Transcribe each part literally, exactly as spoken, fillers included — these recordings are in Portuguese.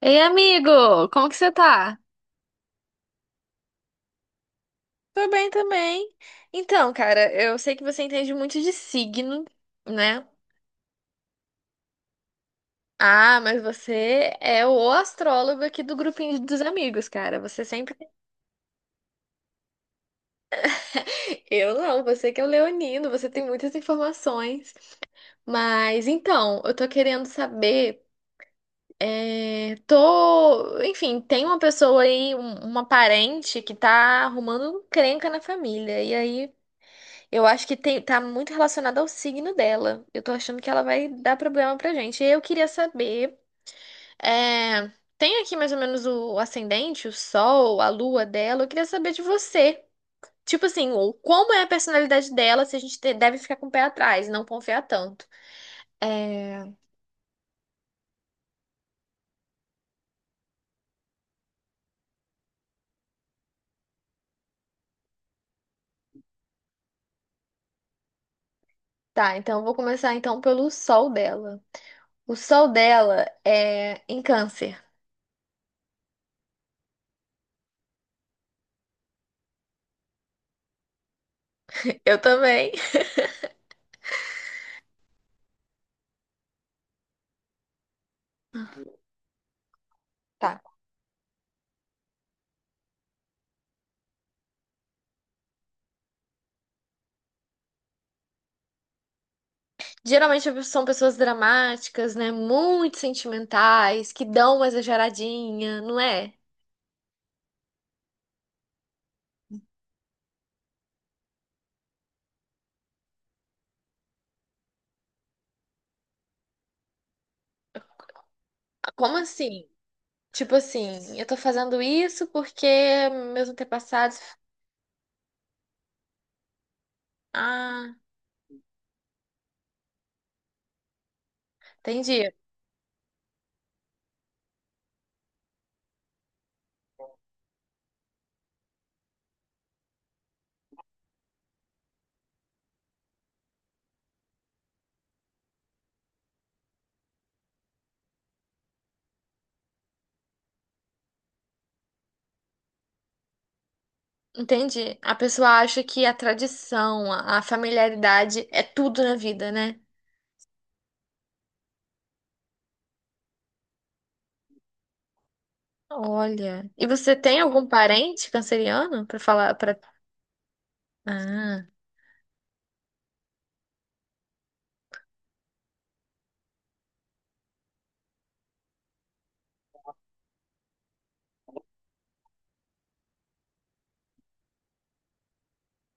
Ei, amigo, como que você tá? Tô bem também. Então, cara, eu sei que você entende muito de signo, né? Ah, mas você é o astrólogo aqui do grupinho dos amigos, cara. Você sempre. Eu não, você que é o leonino, você tem muitas informações. Mas então, eu tô querendo saber. é, Tô. Enfim, tem uma pessoa aí, um- uma parente que tá arrumando um encrenca na família. E aí. Eu acho que tem, tá muito relacionado ao signo dela. Eu tô achando que ela vai dar problema pra gente. E eu queria saber, é, tem aqui mais ou menos o ascendente, o sol, a lua dela. Eu queria saber de você. Tipo assim, o- como é a personalidade dela, se a gente te- deve ficar com o pé atrás, e não confiar tanto. É, tá, então eu vou começar então pelo sol dela. O sol dela é em câncer. Eu também. Geralmente são pessoas dramáticas, né? Muito sentimentais, que dão uma exageradinha, não é? Como assim? Tipo assim, eu tô fazendo isso porque meus antepassados. Ah, entendi. Entendi. A pessoa acha que a tradição, a a familiaridade é tudo na vida, né? Olha. E você tem algum parente canceriano pra falar para?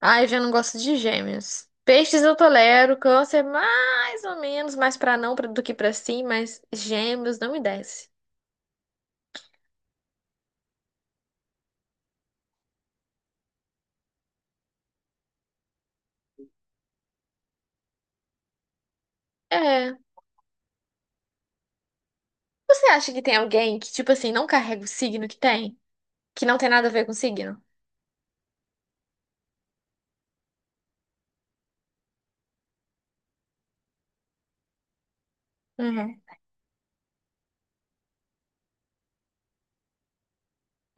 Ah, eu já não gosto de gêmeos. Peixes eu tolero, câncer mais ou menos, mais pra não pra- do que pra sim, mas gêmeos não me desce. É. Você acha que tem alguém que, tipo assim, não carrega o signo que tem? Que não tem nada a ver com signo? Uhum.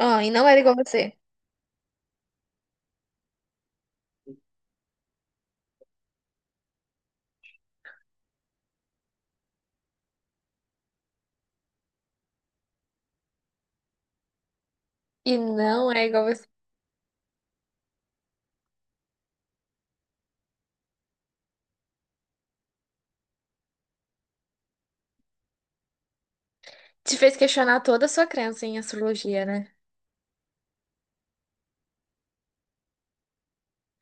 Ah, e não era igual você. E não é igual você. Te fez questionar toda a sua crença em astrologia, né?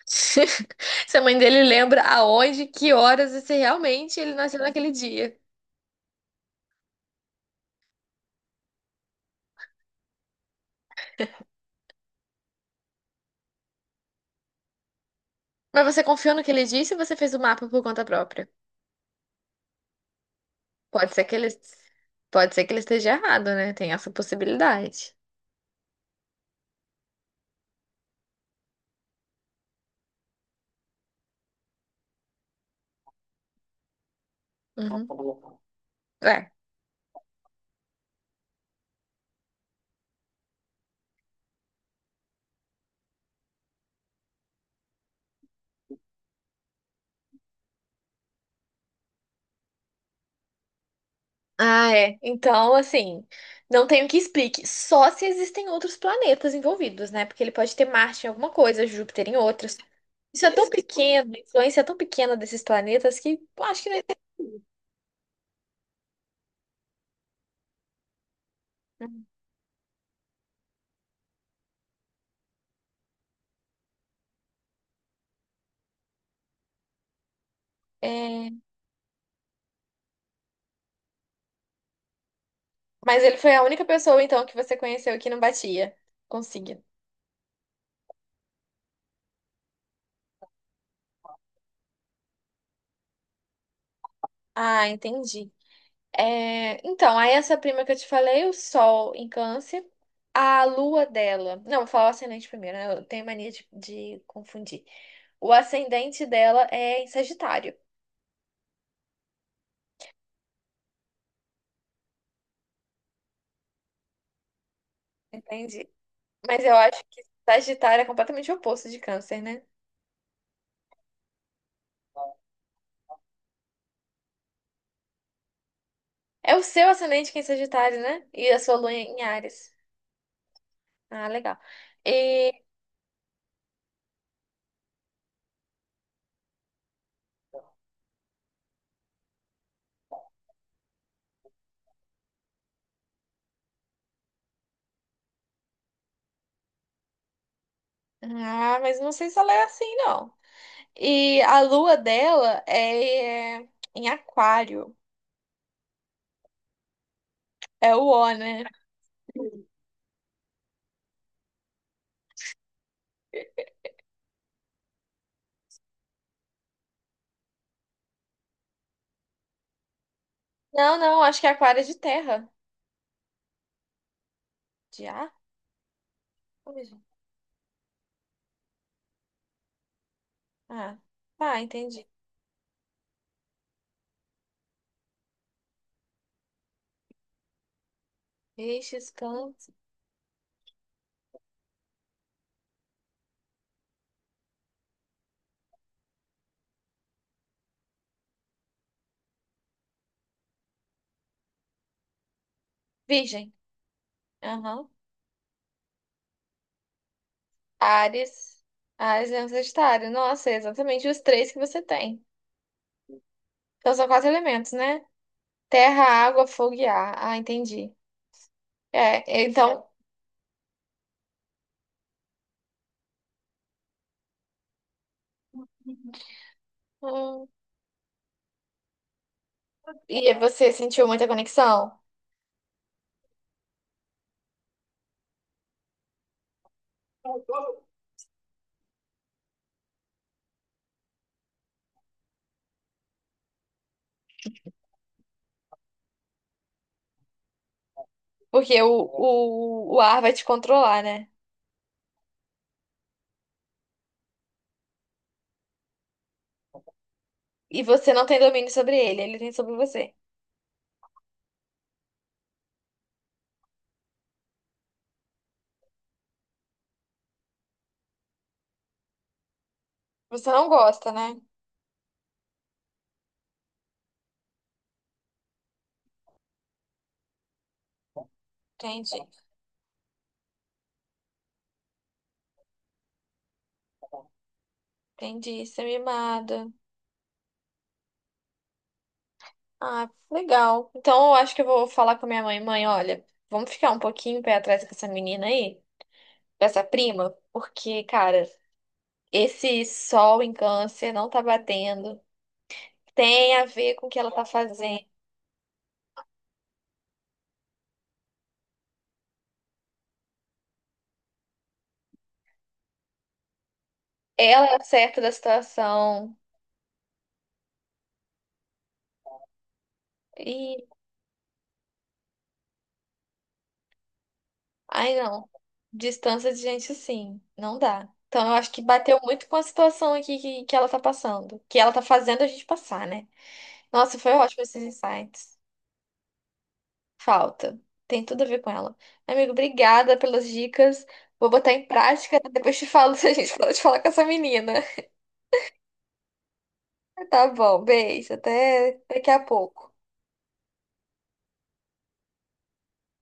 Se a mãe dele lembra aonde, que horas e se realmente ele nasceu naquele dia. Mas você confiou no que ele disse ou você fez o mapa por conta própria? Pode ser que ele, pode ser que ele esteja errado, né? Tem essa possibilidade. Uhum. É. Ah, é. Então, assim, não tenho que explique. Só se existem outros planetas envolvidos, né? Porque ele pode ter Marte em alguma coisa, Júpiter em outras. Isso é tão pequeno, a influência é tão pequena desses planetas que eu acho que não é... Mas ele foi a única pessoa, então, que você conheceu que não batia. Consegui. Ah, entendi. É, então, aí essa prima que eu te falei, o Sol em Câncer, a Lua dela. Não, vou falar o ascendente primeiro, né? Eu tenho mania de, de confundir. O ascendente dela é em Sagitário. Entendi. Mas eu acho que Sagitário é completamente o oposto de Câncer, né? É o seu ascendente que é em Sagitário, né? E a sua Lua em Áries. Ah, legal. E... Ah, mas não sei se ela é assim, não. E a Lua dela é em Aquário. É o O, né? Não, não, acho que é aquário é de terra. De ar? Ou Virgem. Ah, tá, entendi. Peixes, câncer. Virgem. Aham. Ares. Ares, leão, sagitário. Nossa, é exatamente os três que você tem. Então são quatro elementos, né? Terra, água, fogo e ar. Ah, entendi. É, então. Hum, e você sentiu muita conexão? Porque o, o, o ar vai te controlar, né? E você não tem domínio sobre ele, ele tem sobre você. Você não gosta, né? Entendi. Entendi, você é mimado. Ah, legal. Então eu acho que eu vou falar com a minha mãe. Mãe, olha, vamos ficar um pouquinho pé atrás com essa menina aí, com essa prima, porque, cara, esse sol em câncer não tá batendo. Tem a ver com o que ela tá fazendo. Ela é a certa da situação. E, ai, não. Distância de gente assim, não dá. Então eu acho que bateu muito com a situação aqui que, que ela tá passando, que ela tá fazendo a gente passar, né? Nossa, foi ótimo esses insights. Falta. Tem tudo a ver com ela. Amigo, obrigada pelas dicas. Vou botar em prática. Né? Depois te falo se a gente pode falar com essa menina. Tá bom, beijo. Até daqui a pouco.